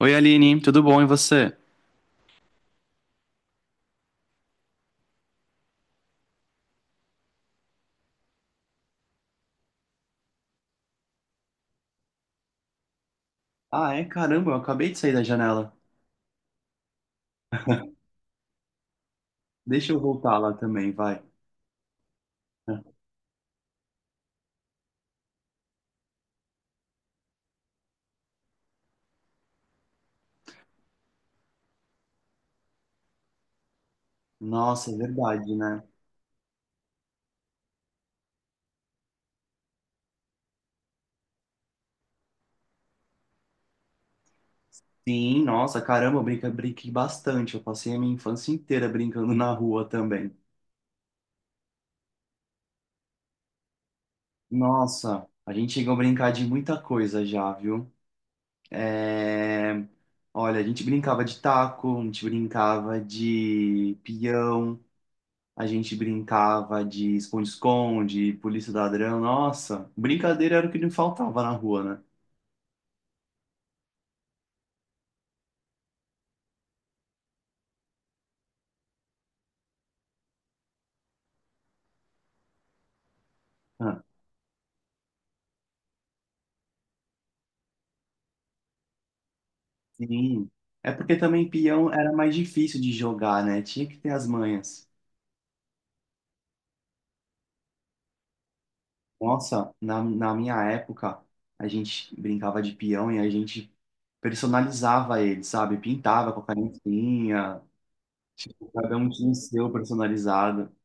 Oi, Aline, tudo bom e você? Ah, é? Caramba, eu acabei de sair da janela. Deixa eu voltar lá também, vai. Nossa, é verdade, né? Sim, nossa, caramba, eu brinquei bastante. Eu passei a minha infância inteira brincando na rua também. Nossa, a gente chegou a brincar de muita coisa já, viu? É... Olha, a gente brincava de taco, a gente brincava de pião, a gente brincava de esconde-esconde, polícia e ladrão. Nossa, brincadeira era o que não faltava na rua, né? Ah, sim. É porque também peão era mais difícil de jogar, né? Tinha que ter as manhas. Nossa, na minha época, a gente brincava de peão e a gente personalizava ele, sabe? Pintava com a canetinha. Tipo, cada um tinha o seu personalizado.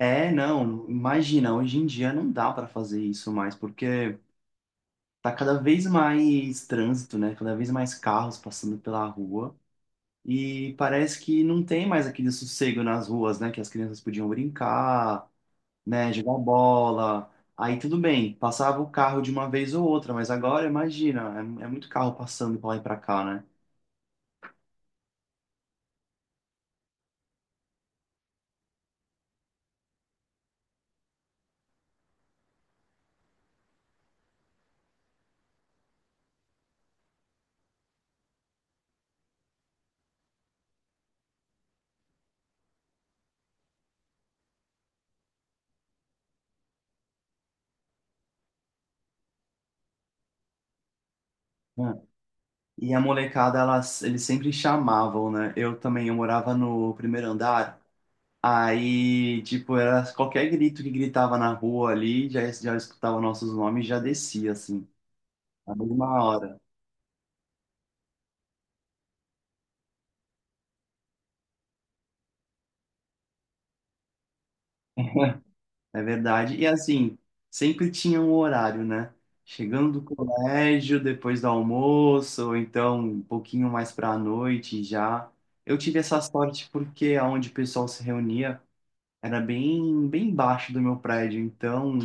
É, não, imagina, hoje em dia não dá pra fazer isso mais, porque tá cada vez mais trânsito, né? Cada vez mais carros passando pela rua. E parece que não tem mais aquele sossego nas ruas, né? Que as crianças podiam brincar, né? Jogar bola. Aí tudo bem, passava o carro de uma vez ou outra, mas agora imagina, é, é muito carro passando pra lá e pra cá, né? Mano, e a molecada, elas, eles sempre chamavam, né? Eu também, eu morava no primeiro andar, aí, tipo, era qualquer grito que gritava na rua ali, já, já escutava nossos nomes, e já descia, assim. A mesma hora, é verdade. E assim, sempre tinha um horário, né? Chegando do colégio, depois do almoço, ou então um pouquinho mais para a noite já. Eu tive essa sorte porque aonde o pessoal se reunia era bem, bem baixo do meu prédio, então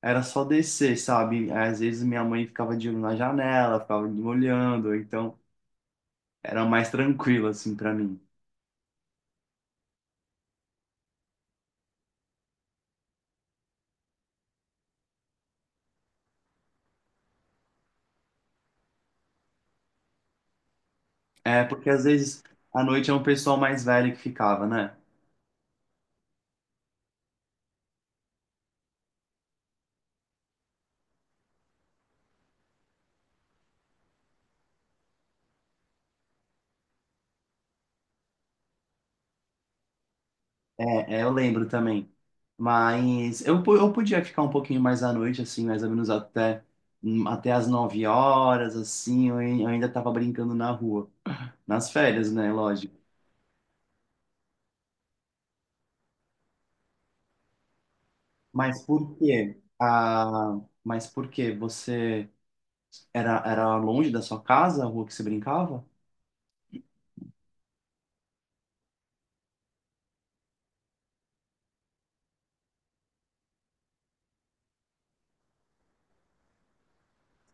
era só descer, sabe? Às vezes minha mãe ficava de olho na janela, ficava me olhando, então era mais tranquilo assim para mim. É, porque às vezes à noite é um pessoal mais velho que ficava, né? É, é, eu lembro também. Mas eu podia ficar um pouquinho mais à noite, assim, mais ou menos até as 9 horas, assim, eu ainda tava brincando na rua. Nas férias, né? Lógico. Mas por quê? Ah, mas por quê? Você era, era longe da sua casa, a rua que você brincava?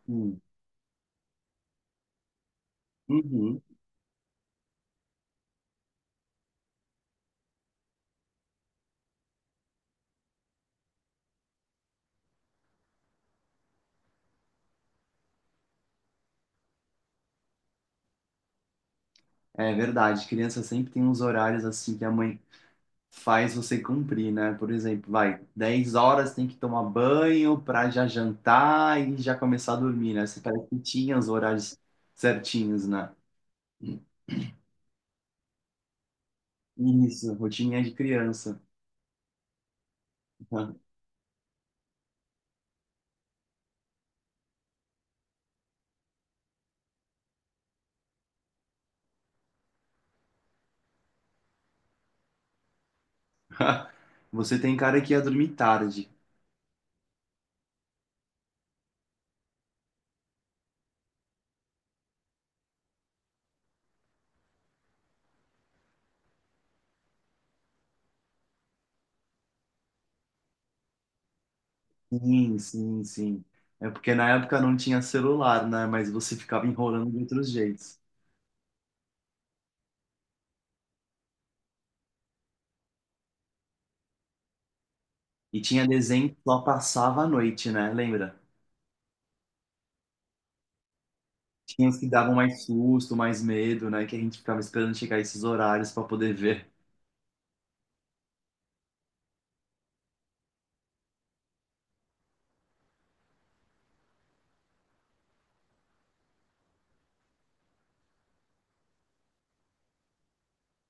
Hum. Uhum. É verdade, criança sempre tem uns horários assim que a mãe faz você cumprir, né? Por exemplo, vai, 10 horas tem que tomar banho para já jantar e já começar a dormir, né? Você parece que tinha os horários certinhos, né? Isso, rotininha de criança. Você tem cara que ia dormir tarde. Sim, sim, sim. É porque na época não tinha celular, né? Mas você ficava enrolando de outros jeitos. E tinha desenho que só passava a noite, né? Lembra? Tinha os que davam mais susto, mais medo, né? Que a gente ficava esperando chegar esses horários para poder ver.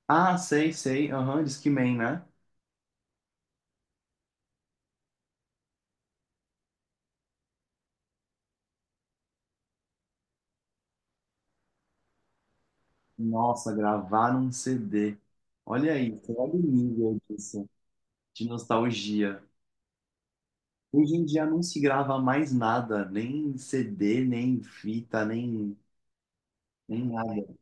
Ah, sei, sei. Aham, Discman, né? Nossa, gravar num CD. Olha aí, você olha o nível disso, de nostalgia. Hoje em dia não se grava mais nada, nem CD, nem fita, nem, nem nada.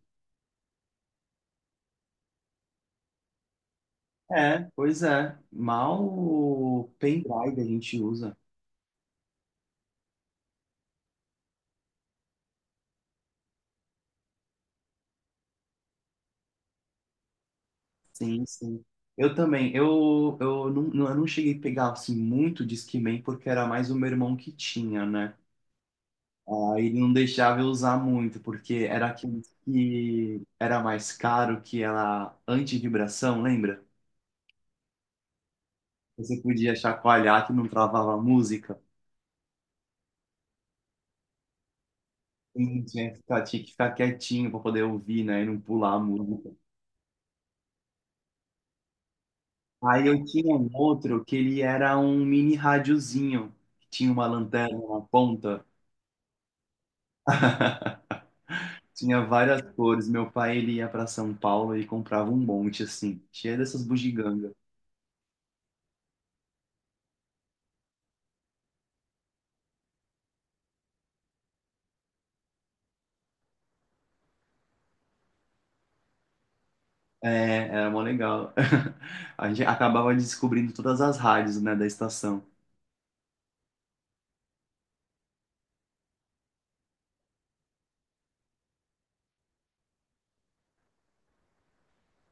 É, pois é. Mal o pendrive a gente usa. Sim, sim. Eu também. Eu não cheguei a pegar assim, muito Discman, porque era mais o meu irmão que tinha, né? Aí não deixava eu usar muito, porque era aquele que era mais caro que era anti-vibração, lembra? Você podia chacoalhar que não travava a música. E tinha que ficar quietinho para poder ouvir, né? E não pular a música. Aí eu tinha um outro que ele era um mini radiozinho, que tinha uma lanterna na ponta. Tinha várias cores. Meu pai ele ia para São Paulo e comprava um monte assim, cheio dessas bugigangas. É, era mó legal. A gente acabava descobrindo todas as rádios, né, da estação.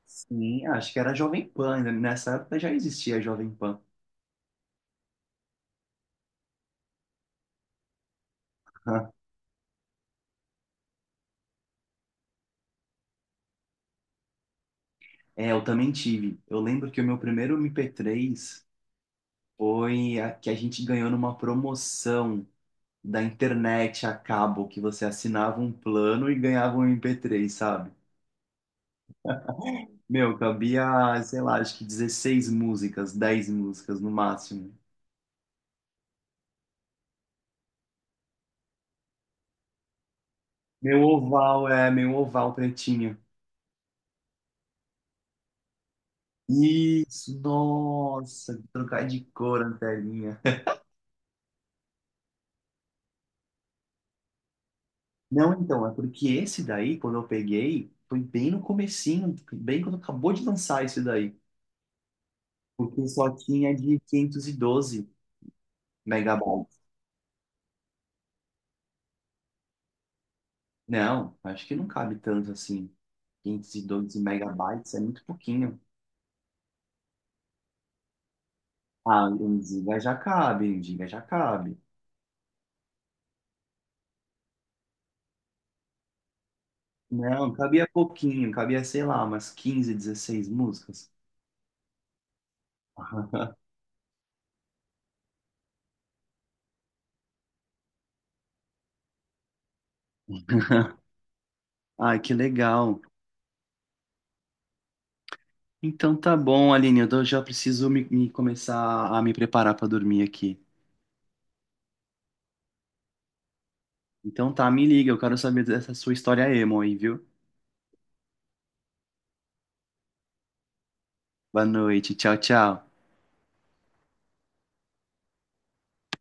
Sim, acho que era Jovem Pan, né? Nessa época já existia Jovem Pan. É, eu também tive. Eu lembro que o meu primeiro MP3 foi a que a gente ganhou numa promoção da internet a cabo, que você assinava um plano e ganhava um MP3, sabe? Meu, cabia, sei lá, acho que 16 músicas, 10 músicas no máximo. Meu oval, é, meu oval pretinho. Isso, nossa, trocar de cor a telinha. Não, então, é porque esse daí, quando eu peguei, foi bem no comecinho, bem quando acabou de lançar esse daí. Porque só tinha de 512 megabytes. Não, acho que não cabe tanto assim. 512 megabytes é muito pouquinho. Ah, 1 giga já cabe, 1 giga já cabe. Não, cabia pouquinho, cabia, sei lá, umas 15, 16 músicas. Ai, que legal. Então tá bom, Aline, já preciso me começar a me preparar pra dormir aqui. Então tá, me liga, eu quero saber dessa sua história emo aí, viu? Boa noite, tchau, tchau.